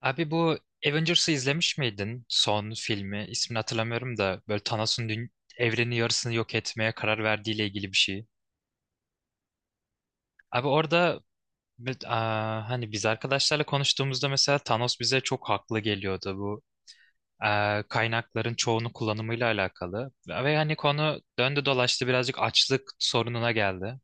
Abi bu Avengers'ı izlemiş miydin? Son filmi. İsmini hatırlamıyorum da böyle Thanos'un evrenin yarısını yok etmeye karar verdiğiyle ilgili bir şey. Abi orada hani biz arkadaşlarla konuştuğumuzda mesela Thanos bize çok haklı geliyordu bu kaynakların çoğunu kullanımıyla alakalı. Ve hani konu döndü dolaştı birazcık açlık sorununa geldi.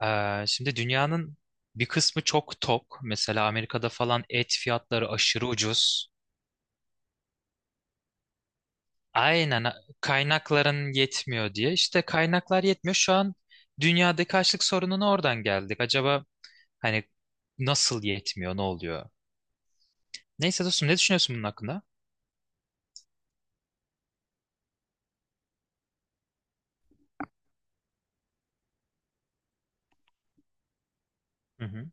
Şimdi dünyanın bir kısmı çok tok. Mesela Amerika'da falan et fiyatları aşırı ucuz. Aynen, kaynakların yetmiyor diye. İşte kaynaklar yetmiyor. Şu an dünyadaki açlık sorununa oradan geldik. Acaba hani nasıl yetmiyor, ne oluyor? Neyse dostum ne düşünüyorsun bunun hakkında? Hı hı,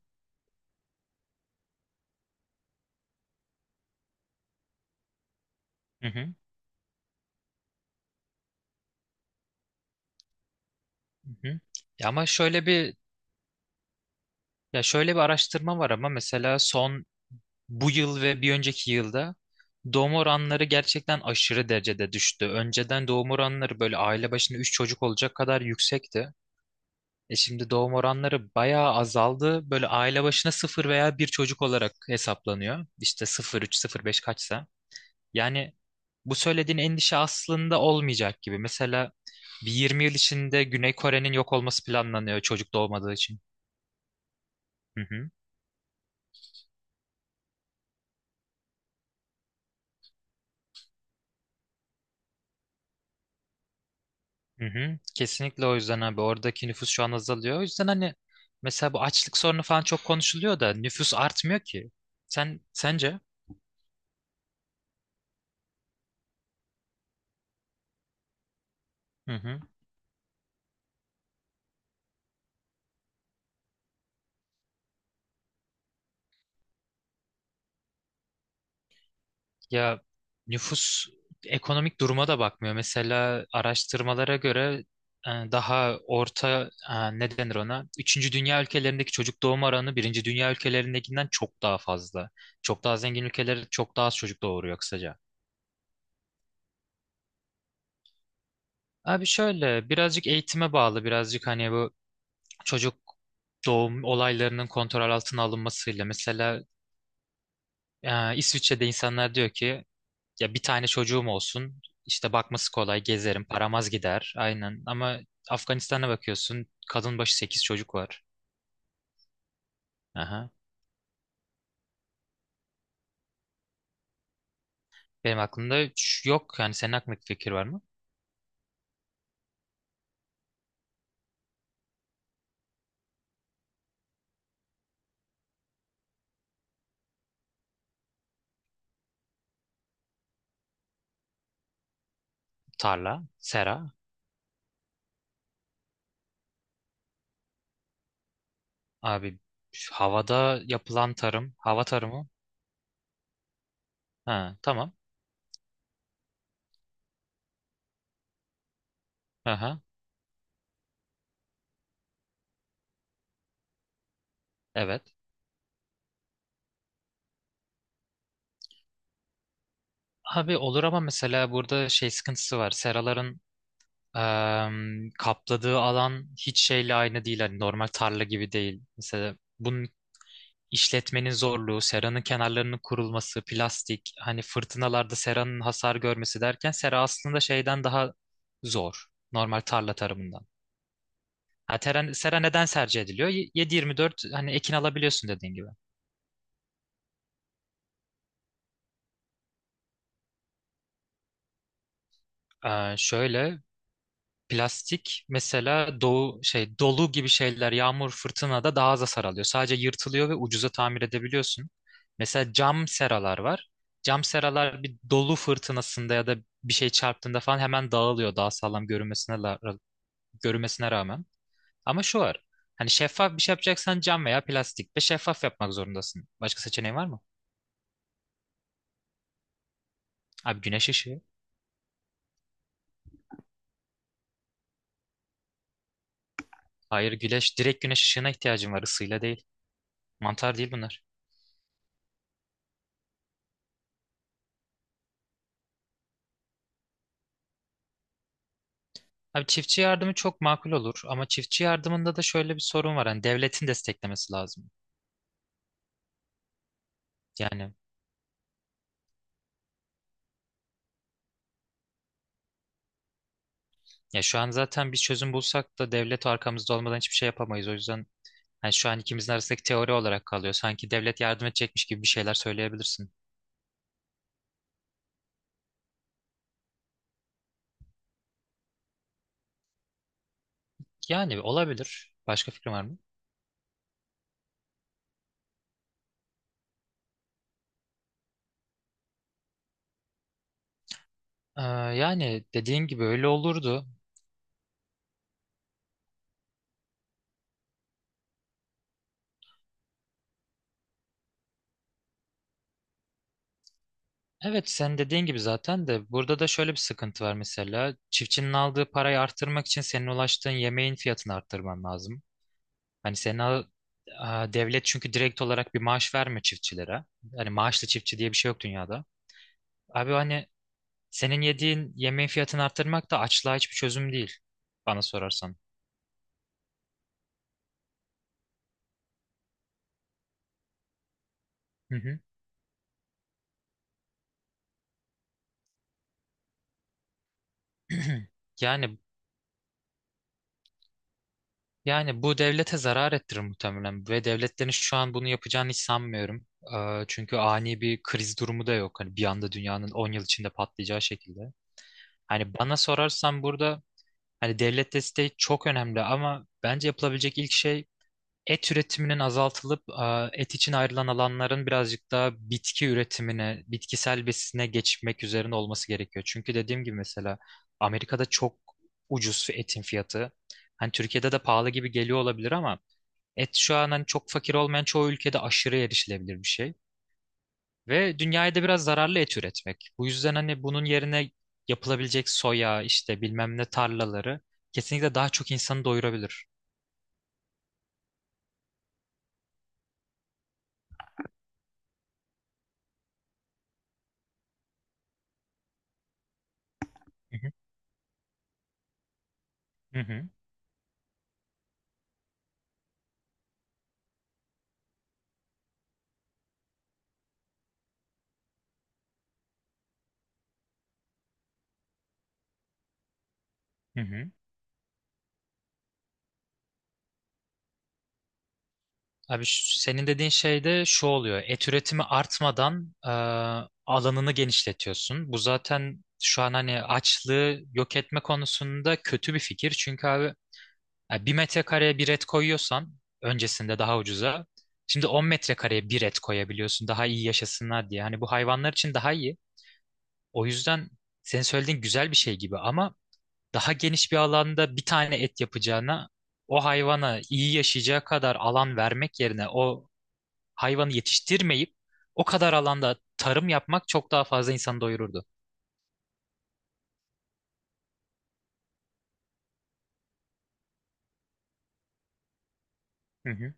hı hı, hı hı. Ya ama şöyle bir ya şöyle bir araştırma var ama mesela son bu yıl ve bir önceki yılda doğum oranları gerçekten aşırı derecede düştü. Önceden doğum oranları böyle aile başına 3 çocuk olacak kadar yüksekti. Şimdi doğum oranları bayağı azaldı. Böyle aile başına sıfır veya bir çocuk olarak hesaplanıyor. İşte sıfır üç, sıfır beş kaçsa. Yani bu söylediğin endişe aslında olmayacak gibi. Mesela bir 20 yıl içinde Güney Kore'nin yok olması planlanıyor çocuk doğmadığı için. Hı hı, hı hı. Kesinlikle o yüzden abi oradaki nüfus şu an azalıyor. O yüzden hani mesela bu açlık sorunu falan çok konuşuluyor da nüfus artmıyor ki. Sen sence? Hı hı. Ya nüfus ekonomik duruma da bakmıyor. Mesela araştırmalara göre daha orta ne denir ona? Üçüncü dünya ülkelerindeki çocuk doğum oranı birinci dünya ülkelerindekinden çok daha fazla. Çok daha zengin ülkeler çok daha az çocuk doğuruyor kısaca. Abi şöyle birazcık eğitime bağlı birazcık hani bu çocuk doğum olaylarının kontrol altına alınmasıyla mesela İsviçre'de insanlar diyor ki, ya bir tane çocuğum olsun. İşte bakması kolay, gezerim, param az gider. Aynen. Ama Afganistan'a bakıyorsun, kadın başı 8 çocuk var. Aha. Benim aklımda üç yok. Yani senin aklındaki fikir var mı? Tarla, sera. Abi şu havada yapılan tarım, hava tarımı. Ha, tamam. Aha, evet. Abi olur ama mesela burada şey sıkıntısı var. Seraların kapladığı alan hiç şeyle aynı değil. Hani normal tarla gibi değil. Mesela bunun işletmenin zorluğu, seranın kenarlarının kurulması, plastik, hani fırtınalarda seranın hasar görmesi derken sera aslında şeyden daha zor. Normal tarla tarımından. Ha, teren, sera neden tercih ediliyor? 7-24 hani ekin alabiliyorsun dediğin gibi. Şöyle Plastik mesela doğu şey dolu gibi şeyler yağmur fırtınada daha az hasar alıyor. Sadece yırtılıyor ve ucuza tamir edebiliyorsun. Mesela cam seralar var. Cam seralar bir dolu fırtınasında ya da bir şey çarptığında falan hemen dağılıyor, daha sağlam görünmesine rağmen. Ama şu var. Hani şeffaf bir şey yapacaksan cam veya plastik ve şeffaf yapmak zorundasın. Başka seçeneğin var mı? Abi güneş ışığı. Hayır, güneş, direkt güneş ışığına ihtiyacın var, ısıyla değil. Mantar değil bunlar. Abi çiftçi yardımı çok makul olur ama çiftçi yardımında da şöyle bir sorun var. Hani devletin desteklemesi lazım. Yani, ya şu an zaten bir çözüm bulsak da devlet arkamızda olmadan hiçbir şey yapamayız. O yüzden hani şu an ikimizin arasındaki teori olarak kalıyor. Sanki devlet yardım edecekmiş gibi bir şeyler söyleyebilirsin. Yani olabilir. Başka fikrin var mı? Ee, yani dediğin gibi öyle olurdu. Evet, sen dediğin gibi zaten de burada da şöyle bir sıkıntı var mesela. Çiftçinin aldığı parayı arttırmak için senin ulaştığın yemeğin fiyatını arttırman lazım. Hani devlet çünkü direkt olarak bir maaş vermiyor çiftçilere. Hani maaşlı çiftçi diye bir şey yok dünyada. Abi hani senin yediğin yemeğin fiyatını arttırmak da açlığa hiçbir çözüm değil bana sorarsan. Hı hı. Yani yani bu devlete zarar ettirir muhtemelen ve devletlerin şu an bunu yapacağını hiç sanmıyorum. Çünkü ani bir kriz durumu da yok. Hani bir anda dünyanın 10 yıl içinde patlayacağı şekilde. Hani bana sorarsan burada hani devlet desteği çok önemli ama bence yapılabilecek ilk şey et üretiminin azaltılıp, et için ayrılan alanların birazcık daha bitki üretimine, bitkisel besine geçmek üzerine olması gerekiyor. Çünkü dediğim gibi mesela Amerika'da çok ucuz etin fiyatı. Hani Türkiye'de de pahalı gibi geliyor olabilir ama et şu an hani çok fakir olmayan çoğu ülkede aşırı erişilebilir bir şey. Ve dünyaya da biraz zararlı et üretmek. Bu yüzden hani bunun yerine yapılabilecek soya işte bilmem ne tarlaları kesinlikle daha çok insanı doyurabilir. Hı hı, hı hı, hı hı. Abi senin dediğin şey de şu oluyor. Et üretimi artmadan, alanını genişletiyorsun. Bu zaten şu an hani açlığı yok etme konusunda kötü bir fikir. Çünkü abi bir metrekareye bir et koyuyorsan öncesinde daha ucuza. Şimdi 10 metrekareye bir et koyabiliyorsun daha iyi yaşasınlar diye. Hani bu hayvanlar için daha iyi. O yüzden senin söylediğin güzel bir şey gibi ama daha geniş bir alanda bir tane et yapacağına o hayvana iyi yaşayacağı kadar alan vermek yerine o hayvanı yetiştirmeyip o kadar alanda tarım yapmak çok daha fazla insanı doyururdu. Hı hı.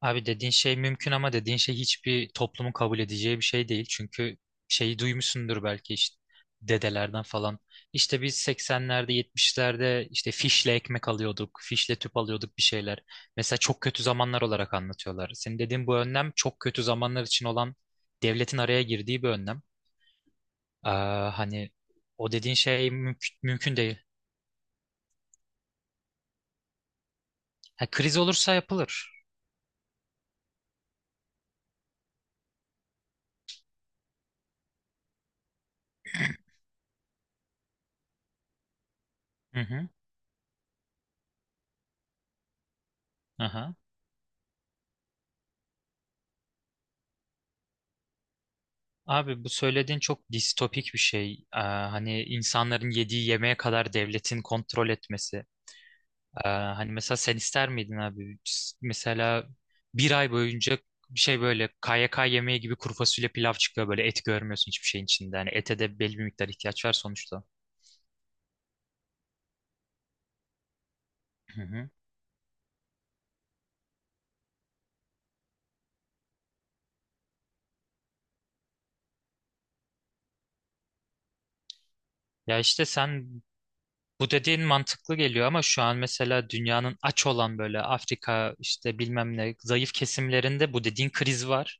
Abi dediğin şey mümkün ama dediğin şey hiçbir toplumun kabul edeceği bir şey değil. Çünkü şeyi duymuşsundur belki işte dedelerden falan. İşte biz 80'lerde, 70'lerde işte fişle ekmek alıyorduk, fişle tüp alıyorduk bir şeyler. Mesela çok kötü zamanlar olarak anlatıyorlar. Senin dediğin bu önlem çok kötü zamanlar için olan, devletin araya girdiği bir önlem. Hani o dediğin şey mümkün, mümkün değil. Ha, kriz olursa yapılır. Hı hı. Aha. Abi bu söylediğin çok distopik bir şey. Hani insanların yediği yemeğe kadar devletin kontrol etmesi. Hani mesela sen ister miydin abi? Mesela bir ay boyunca bir şey böyle KYK yemeği gibi kuru fasulye pilav çıkıyor, böyle et görmüyorsun hiçbir şeyin içinde. Hani ete de belli bir miktar ihtiyaç var sonuçta. Hı hı. Ya işte, bu dediğin mantıklı geliyor ama şu an mesela dünyanın aç olan böyle Afrika işte bilmem ne zayıf kesimlerinde bu dediğin kriz var.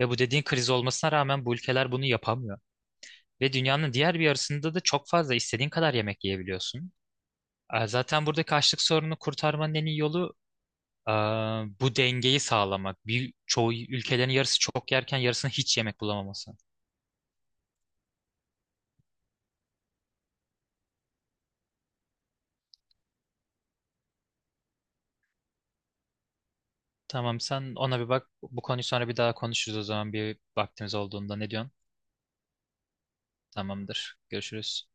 Ve bu dediğin kriz olmasına rağmen bu ülkeler bunu yapamıyor. Ve dünyanın diğer bir yarısında da çok fazla, istediğin kadar yemek yiyebiliyorsun. Zaten buradaki açlık sorununu kurtarmanın en iyi yolu ee, bu dengeyi sağlamak. Bir, çoğu ülkelerin yarısı çok yerken yarısının hiç yemek bulamaması. Tamam, sen ona bir bak. Bu konuyu sonra bir daha konuşuruz o zaman, bir vaktimiz olduğunda, ne diyorsun? Tamamdır. Görüşürüz.